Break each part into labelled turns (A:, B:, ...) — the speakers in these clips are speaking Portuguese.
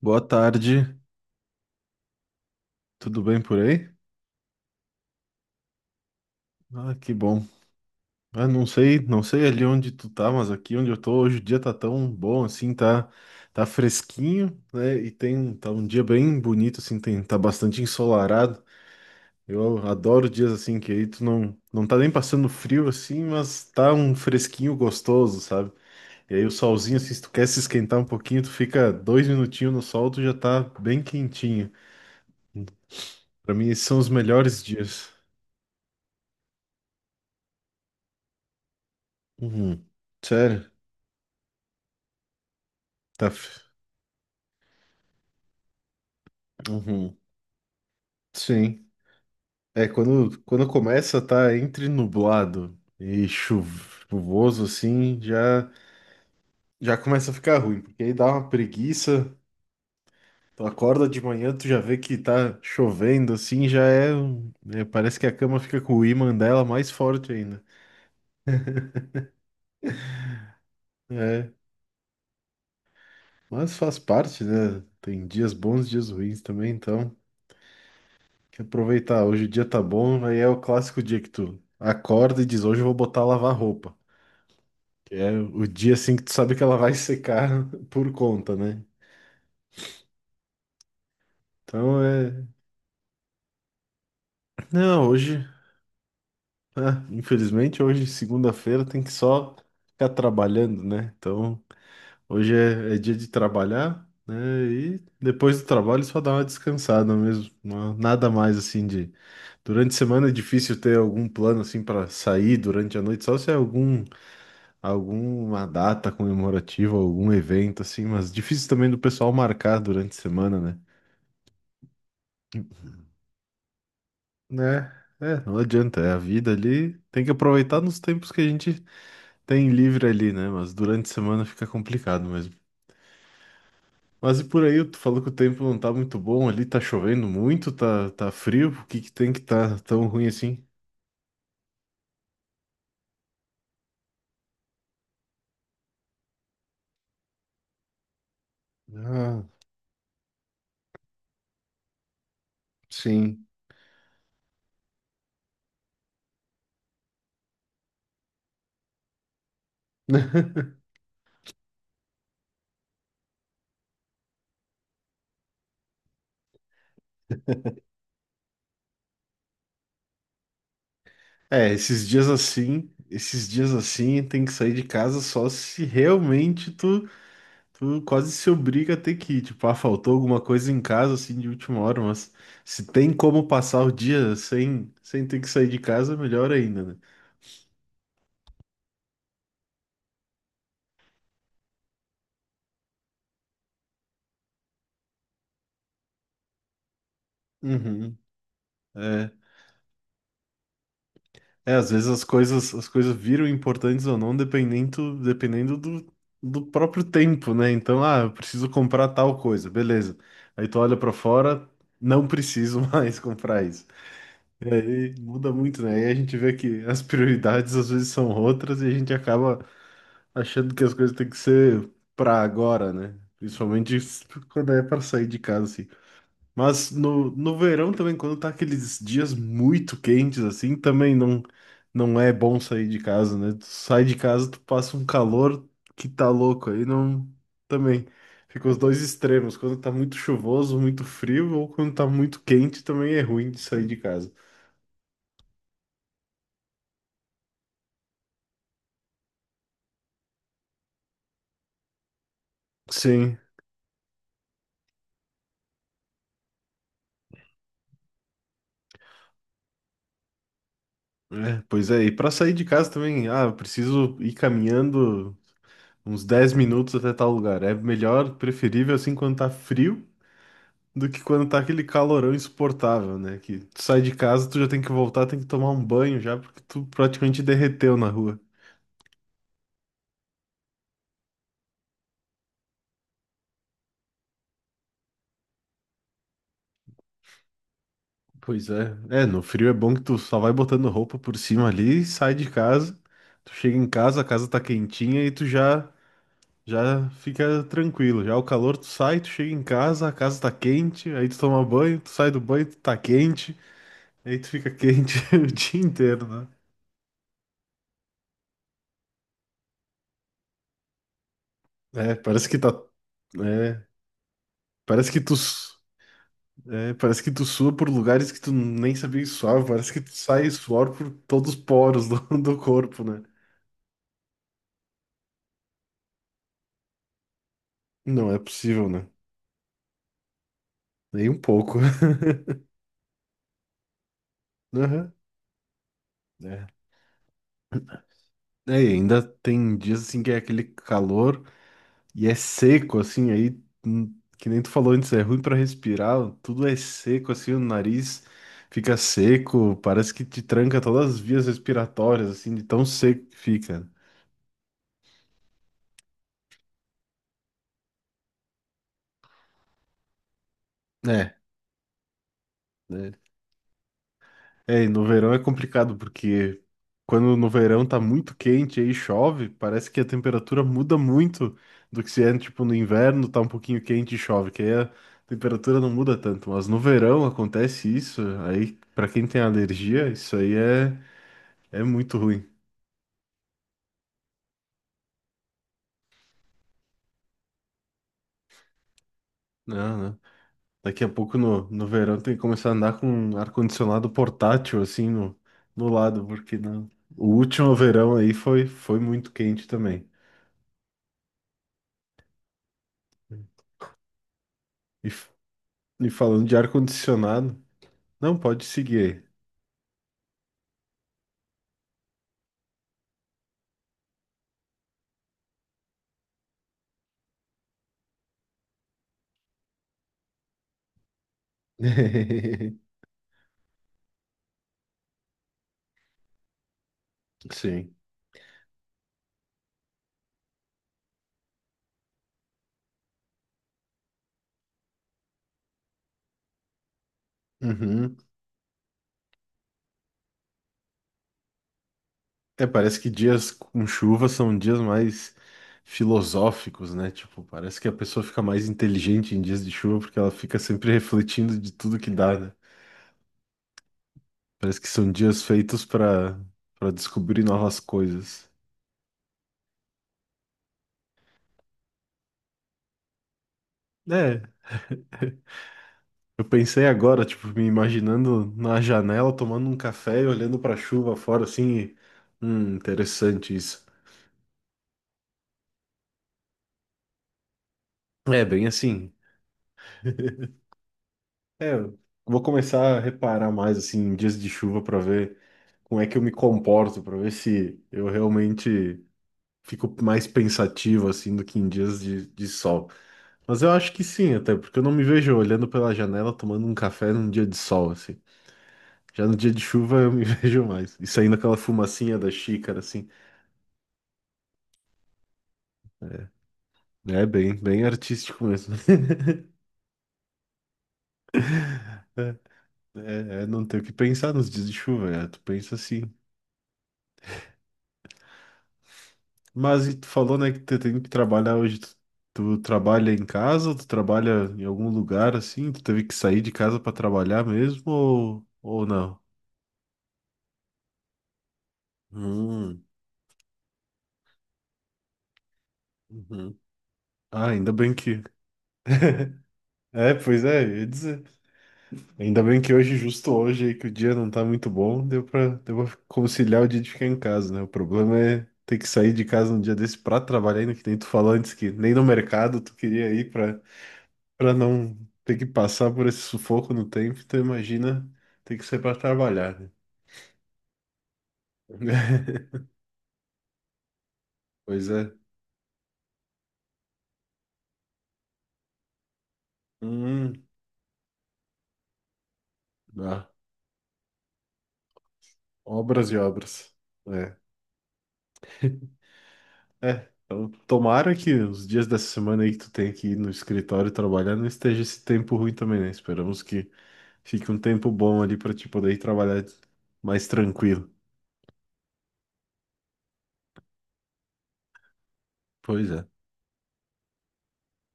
A: Boa tarde, tudo bem por aí? Ah, que bom. Ah, não sei ali onde tu tá, mas aqui onde eu tô hoje o dia tá tão bom assim, tá fresquinho, né? E tem tá um dia bem bonito assim, tem tá bastante ensolarado. Eu adoro dias assim que aí tu não tá nem passando frio assim, mas tá um fresquinho gostoso, sabe? E aí o solzinho assim, se tu quer se esquentar um pouquinho, tu fica dois minutinhos no sol, tu já tá bem quentinho. Pra mim esses são os melhores dias. Uhum. Sério? Tá. f- Uhum. Sim. É, quando começa, tá entre nublado e chuvoso, assim, já começa a ficar ruim, porque aí dá uma preguiça. Tu acorda de manhã, tu já vê que tá chovendo, assim, já é, um- é, parece que a cama fica com o ímã dela mais forte ainda. É, mas faz parte, né? Tem dias bons, dias ruins também, então. Tem que aproveitar. Hoje o dia tá bom, aí é o clássico dia que tu acorda e diz, hoje eu vou botar a lavar roupa. É o dia assim que tu sabe que ela vai secar por conta, né? Então é. Não, hoje, ah, infelizmente, hoje, segunda-feira, tem que só ficar trabalhando, né? Então, hoje é dia de trabalhar, né? E depois do trabalho só dar uma descansada mesmo. Nada mais assim de. Durante a semana é difícil ter algum plano assim para sair durante a noite, só se é algum, alguma data comemorativa, algum evento assim, mas difícil também do pessoal marcar durante a semana, né? Né? É, não adianta. É a vida ali. Tem que aproveitar nos tempos que a gente tem livre ali, né? Mas durante a semana fica complicado mesmo. Mas e por aí, tu falou que o tempo não tá muito bom ali, tá chovendo muito, tá frio. O que que tem que tá tão ruim assim? Ah, sim. É, esses dias assim, tem que sair de casa só se realmente tu tu quase se obriga a ter que ir. Tipo, ah, faltou alguma coisa em casa, assim, de última hora, mas se tem como passar o dia sem ter que sair de casa, melhor ainda, né? Uhum. É, é, às vezes as coisas viram importantes ou não, dependendo do próprio tempo, né? Então, ah, eu preciso comprar tal coisa, beleza. Aí tu olha pra fora, não preciso mais comprar isso. E muda muito, né? E a gente vê que as prioridades às vezes são outras e a gente acaba achando que as coisas têm que ser pra agora, né? Principalmente quando é pra sair de casa, assim. Mas no verão também, quando tá aqueles dias muito quentes, assim, também não, não é bom sair de casa, né? Tu sai de casa, tu passa um calor que tá louco, aí não. Também, fica os dois extremos, quando tá muito chuvoso, muito frio, ou quando tá muito quente, também é ruim de sair de casa. Sim, é, pois é, e para sair de casa também, ah, eu preciso ir caminhando uns 10 minutos até tal lugar. É melhor, preferível assim quando tá frio do que quando tá aquele calorão insuportável, né? Que tu sai de casa, tu já tem que voltar, tem que tomar um banho já, porque tu praticamente derreteu na rua. Pois é. É, no frio é bom que tu só vai botando roupa por cima ali, sai de casa, tu chega em casa, a casa tá quentinha e tu já fica tranquilo. Já o calor tu sai, tu chega em casa, a casa tá quente, aí tu toma banho, tu sai do banho, tu tá quente, aí tu fica quente o dia inteiro, né? É, parece que tá. É, parece que tu. É, parece que tu sua por lugares que tu nem sabia que suava. Parece que tu sai suor por todos os poros do corpo, né? Não é possível, né? Nem um pouco. Aham. É. É, e ainda tem dias assim que é aquele calor e é seco, assim, aí, que nem tu falou antes, é ruim pra respirar, tudo é seco, assim, o nariz fica seco, parece que te tranca todas as vias respiratórias, assim, de tão seco que fica. É. é. É, e no verão é complicado, porque quando no verão tá muito quente e aí chove, parece que a temperatura muda muito do que se é, tipo, no inverno tá um pouquinho quente e chove, que aí a temperatura não muda tanto. Mas no verão acontece isso, aí pra quem tem alergia, é muito ruim. Não, não. Daqui a pouco no verão tem que começar a andar com um ar-condicionado portátil, assim, no lado, porque não. O último verão aí foi muito quente também. E, E falando de ar-condicionado, não pode seguir aí. Sim. Uhum. É, parece que dias com chuva são dias mais filosóficos, né? Tipo, parece que a pessoa fica mais inteligente em dias de chuva porque ela fica sempre refletindo de tudo que dá, né? Parece que são dias feitos para descobrir novas coisas. É, eu pensei agora, tipo, me imaginando na janela tomando um café e olhando para a chuva fora assim, e, interessante isso. É, bem assim. É, eu vou começar a reparar mais assim em dias de chuva para ver como é que eu me comporto, para ver se eu realmente fico mais pensativo assim do que em dias de sol. Mas eu acho que sim, até porque eu não me vejo olhando pela janela tomando um café num dia de sol assim. Já no dia de chuva eu me vejo mais. E saindo aquela fumacinha da xícara assim. É bem artístico mesmo. É, é, não ter o que pensar nos dias de chuva, é, tu pensa assim. Mas e tu falou, né, que tu tem que trabalhar hoje. Tu trabalha em casa, ou tu trabalha em algum lugar assim? Tu teve que sair de casa para trabalhar mesmo ou não? Hum, uhum. Ah, ainda bem que. É, pois é, eu ia dizer. Ainda bem que hoje, justo hoje aí, que o dia não tá muito bom, deu deu pra conciliar o dia de ficar em casa, né? O problema é ter que sair de casa num dia desse pra trabalhar, ainda que nem tu falou antes que nem no mercado tu queria ir pra para não ter que passar por esse sufoco no tempo, tu imagina ter que ser para trabalhar, né? Pois é. Hum, ah, obras e obras. É. É. Então, tomara que os dias dessa semana aí que tu tem que ir no escritório trabalhar não esteja esse tempo ruim também, né? Esperamos que fique um tempo bom ali para te poder ir trabalhar mais tranquilo. Pois é.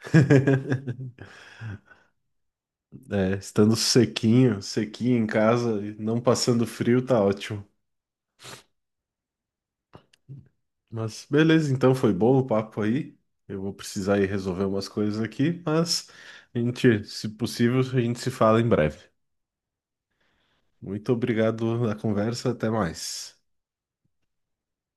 A: É, estando sequinho, sequinho em casa, e não passando frio, tá ótimo. Mas beleza, então foi bom o papo aí. Eu vou precisar ir resolver umas coisas aqui, mas a gente, se possível, a gente se fala em breve. Muito obrigado pela conversa, até mais.